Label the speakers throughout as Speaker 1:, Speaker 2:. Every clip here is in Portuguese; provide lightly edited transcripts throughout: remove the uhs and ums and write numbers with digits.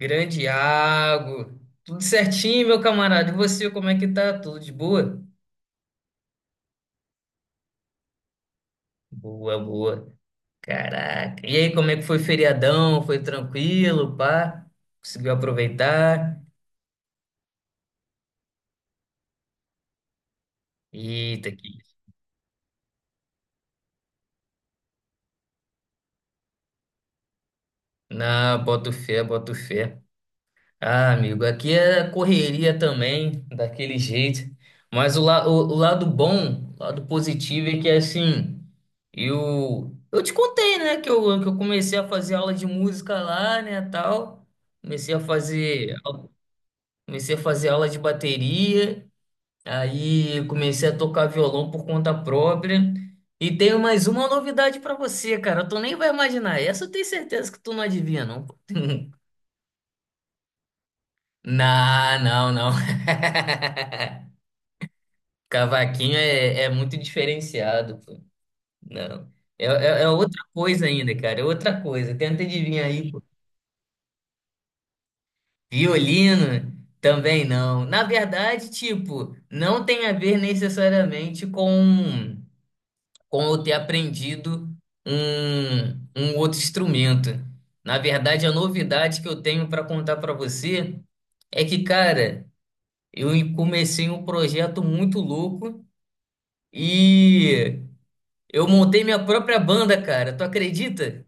Speaker 1: Grande Iago. Tudo certinho, meu camarada? E você, como é que tá? Tudo de boa? Boa, boa. Caraca. E aí, como é que foi o feriadão? Foi tranquilo, pá? Conseguiu aproveitar? Eita, que... Não, boto fé, boto fé. Ah, amigo, aqui é correria também, daquele jeito. Mas o lado bom, o lado positivo é que assim, eu te contei, né, que eu comecei a fazer aula de música lá, né, tal. Comecei a fazer, comecei a fazer aula de bateria, aí comecei a tocar violão por conta própria. E tenho mais uma novidade pra você, cara. Tu nem vai imaginar. Essa eu tenho certeza que tu não adivinha, não. Não, não, não. Cavaquinho é muito diferenciado, pô. Não. É outra coisa ainda, cara. É outra coisa. Tenta adivinhar aí, pô. Violino também não. Na verdade, tipo, não tem a ver necessariamente com eu ter aprendido um, um outro instrumento. Na verdade, a novidade que eu tenho para contar para você é que, cara, eu comecei um projeto muito louco. E eu montei minha própria banda, cara. Tu acredita?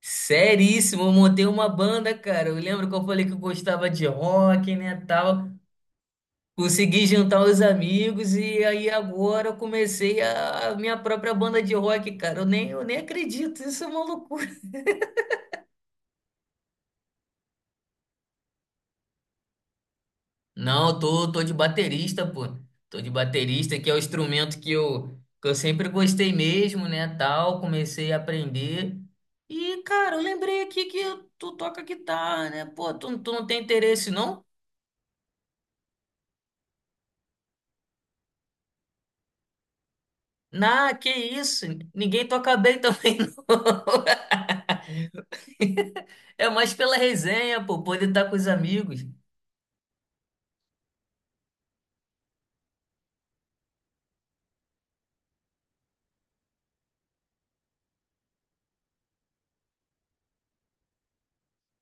Speaker 1: Seríssimo, eu montei uma banda, cara. Eu lembro que eu falei que eu gostava de rock, né, tal. Consegui juntar os amigos e aí agora eu comecei a minha própria banda de rock, cara. Eu nem acredito, isso é maluco. Não, eu tô de baterista, pô. Tô de baterista, que é o instrumento que eu sempre gostei mesmo, né, tal. Comecei a aprender. E, cara, eu lembrei aqui que tu toca guitarra, né? Pô, tu não tem interesse, não? Na, que isso? Ninguém toca bem também, não. É mais pela resenha, pô, poder estar com os amigos.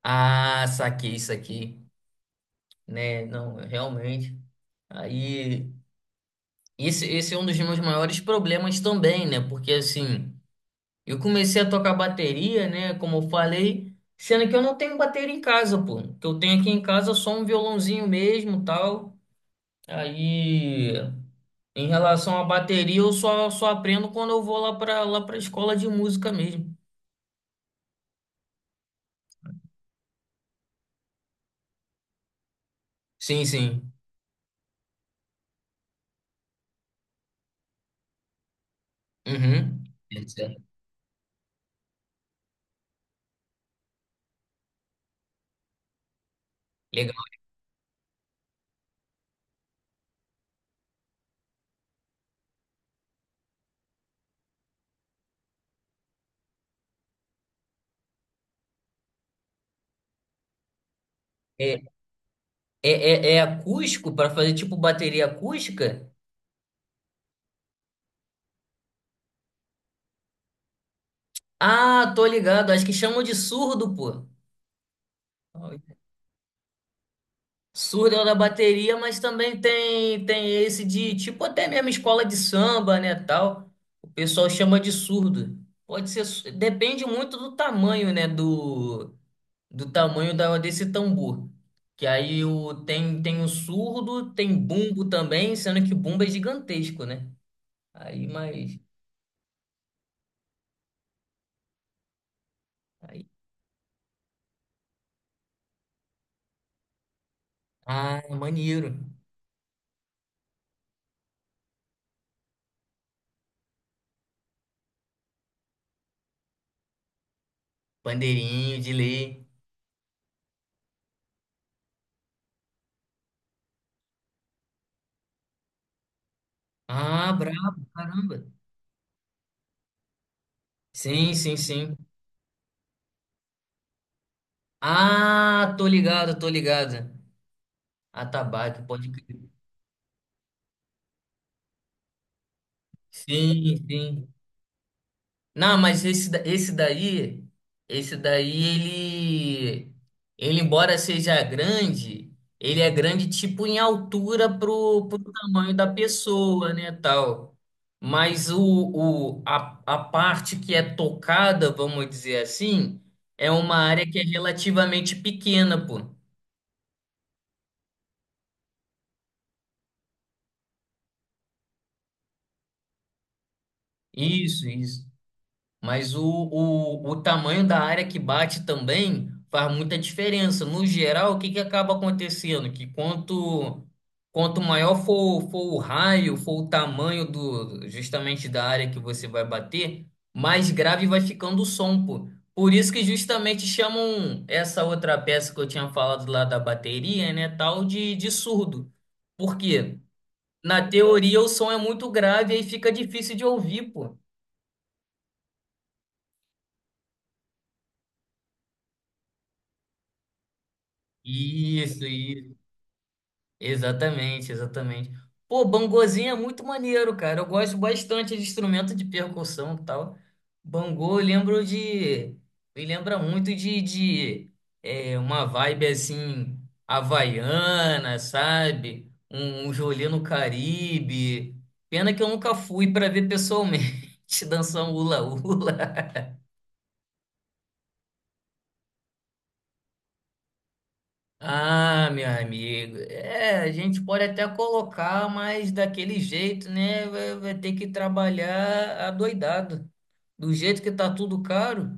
Speaker 1: Ah, saquei isso aqui, né? Não, realmente. Aí. Esse é um dos meus maiores problemas também, né? Porque assim, eu comecei a tocar bateria, né? Como eu falei, sendo que eu não tenho bateria em casa, pô. O que eu tenho aqui em casa é só um violãozinho mesmo, tal. Aí, em relação à bateria, eu só aprendo quando eu vou lá pra escola de música mesmo. Sim, sim. Uhum. Legal. É, é, é é acústico para fazer tipo bateria acústica? Ah, tô ligado. Acho que chamam de surdo, pô. Surdo é o da bateria, mas também tem esse de tipo até mesmo escola de samba, né, tal. O pessoal chama de surdo. Pode ser, su- depende muito do tamanho, né, do tamanho da desse tambor. Que aí o tem o surdo, tem bumbo também, sendo que bumbo é gigantesco, né? Aí, mas aí, ah, é maneiro. Bandeirinho de lei. Ah, brabo, caramba. Sim, sim, sim. Ah, tô ligado, tô ligado. Atabaque, pode crer. Sim, sim. Não, mas esse, da- esse daí, ele, ele, embora seja grande, ele é grande tipo em altura pro tamanho da pessoa, né, tal. Mas a parte que é tocada, vamos dizer assim, é uma área que é relativamente pequena, pô. Isso, isso. Mas o tamanho da área que bate também faz muita diferença. No geral, o que que acaba acontecendo? Que quanto maior for o raio, for o tamanho do justamente da área que você vai bater, mais grave vai ficando o som, pô. Por isso que justamente chamam essa outra peça que eu tinha falado lá da bateria, né, tal de surdo. Por quê? Na teoria, o som é muito grave e aí fica difícil de ouvir, pô. Isso, exatamente, exatamente. Pô, bangozinho é muito maneiro, cara. Eu gosto bastante de instrumento de percussão e tal. Bangô, eu lembro de. Me lembra muito de é, uma vibe assim, havaiana, sabe? Um Jolê no Caribe. Pena que eu nunca fui para ver pessoalmente dançar um hula-hula. Ah, meu amigo, é, a gente pode até colocar, mas daquele jeito, né? Vai ter que trabalhar adoidado. Do jeito que tá tudo caro,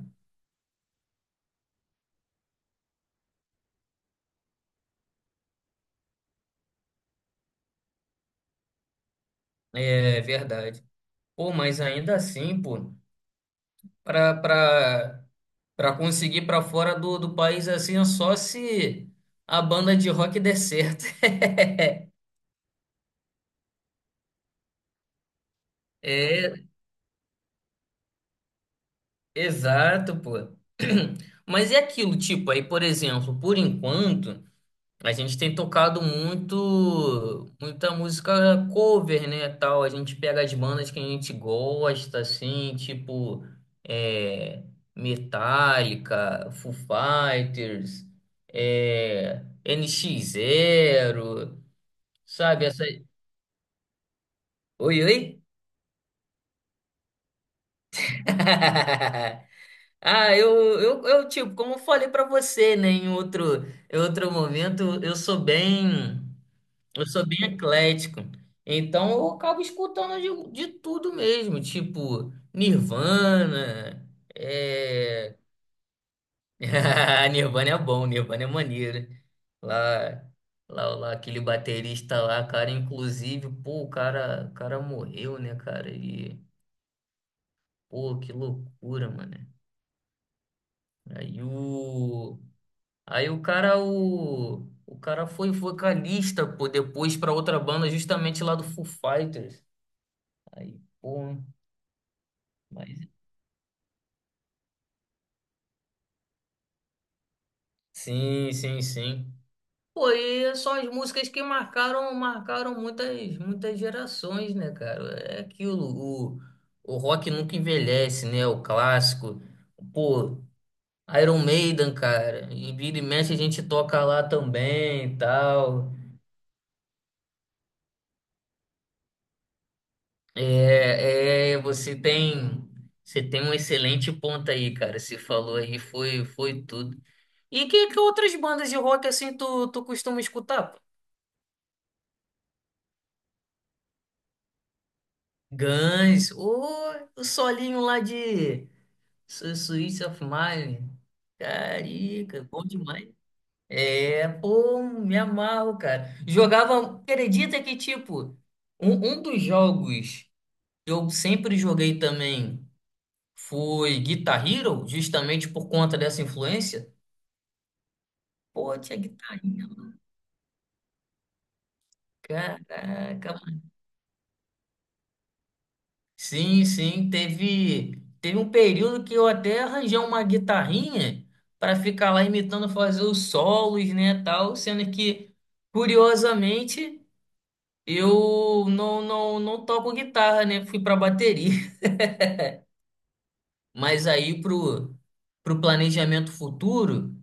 Speaker 1: é verdade. Pô, mas ainda assim, pô, pra, pra, pra conseguir pra fora do país assim, é só se a banda de rock der certo. É, exato, pô. Mas é aquilo, tipo, aí, por exemplo, por enquanto. A gente tem tocado muito, muita música cover, né, tal. A gente pega as bandas que a gente gosta, assim, tipo é, Metallica, Foo Fighters, é, NX Zero, sabe? Essa... Oi, oi? Ah, tipo, como eu falei pra você, né, em outro momento, eu sou bem. Eu sou bem eclético. Então eu acabo escutando de tudo mesmo, tipo Nirvana. É... Nirvana é bom, Nirvana é maneiro. Lá, lá, aquele baterista lá, cara, inclusive, pô, o cara morreu, né, cara? E, pô, que loucura, mano. Aí o. Aí o cara, o. O cara foi vocalista, pô, depois pra outra banda justamente lá do Foo Fighters. Aí, pô. Mas sim, sim, sim. Pô, e são as músicas que marcaram, marcaram muitas gerações, né, cara? É aquilo, o rock nunca envelhece, né? O clássico. Pô, Iron Maiden, cara. E vira e mexe a gente toca lá também e tal. É, é, você tem, você tem um excelente ponto aí, cara. Você falou aí, foi, foi tudo. E que outras bandas de rock assim tu costuma escutar? Guns, ou o solinho lá de Su- Suicide of Mine. Carica, bom demais. É, pô, me amarro, cara. Jogava, acredita que, tipo, um dos jogos que eu sempre joguei também foi Guitar Hero, justamente por conta dessa influência. Pô, tinha Guitar Hero, caraca, sim, sim, teve um período que eu até arranjei uma guitarrinha para ficar lá imitando fazer os solos, né, tal, sendo que, curiosamente, eu não, não, não toco guitarra, né, fui para bateria. Mas aí pro, pro planejamento futuro,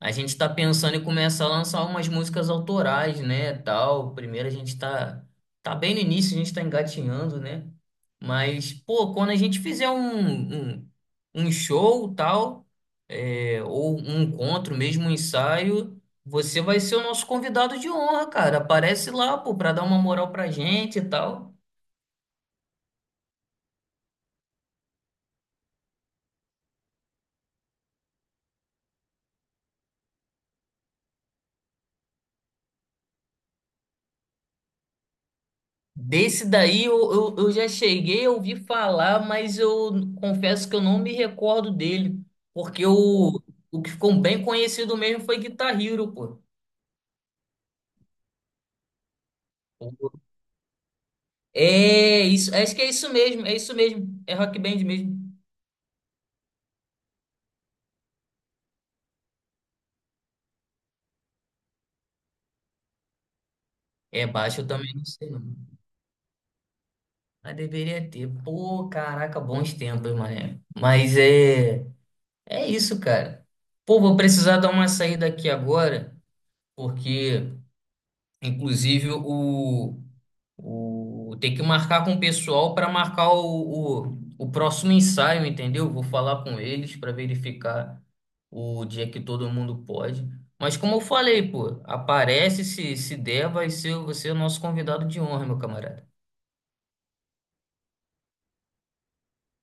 Speaker 1: a gente tá pensando em começar a lançar umas músicas autorais, né, tal. Primeiro a gente tá tá bem no início, a gente tá engatinhando, né? Mas pô, quando a gente fizer um show, tal, é, ou um encontro, mesmo um ensaio, você vai ser o nosso convidado de honra, cara. Aparece lá, pô, pra dar uma moral pra gente e tal. Desse daí eu já cheguei a ouvir falar, mas eu confesso que eu não me recordo dele. Porque o que ficou bem conhecido mesmo foi Guitar Hero, pô. É isso, acho que é isso mesmo, é isso mesmo. É rock band mesmo. É baixo, eu também não sei não. Mas deveria ter. Pô, caraca, bons tempos, mané. Mas é, é isso, cara. Pô, vou precisar dar uma saída aqui agora, porque inclusive, o tem que marcar com o pessoal para marcar o próximo ensaio, entendeu? Vou falar com eles para verificar o dia que todo mundo pode. Mas como eu falei, pô, aparece se, se der, vai ser você é o nosso convidado de honra, meu camarada.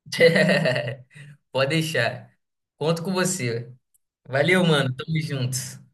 Speaker 1: Pode deixar. Conto com você. Valeu, mano. Tamo junto.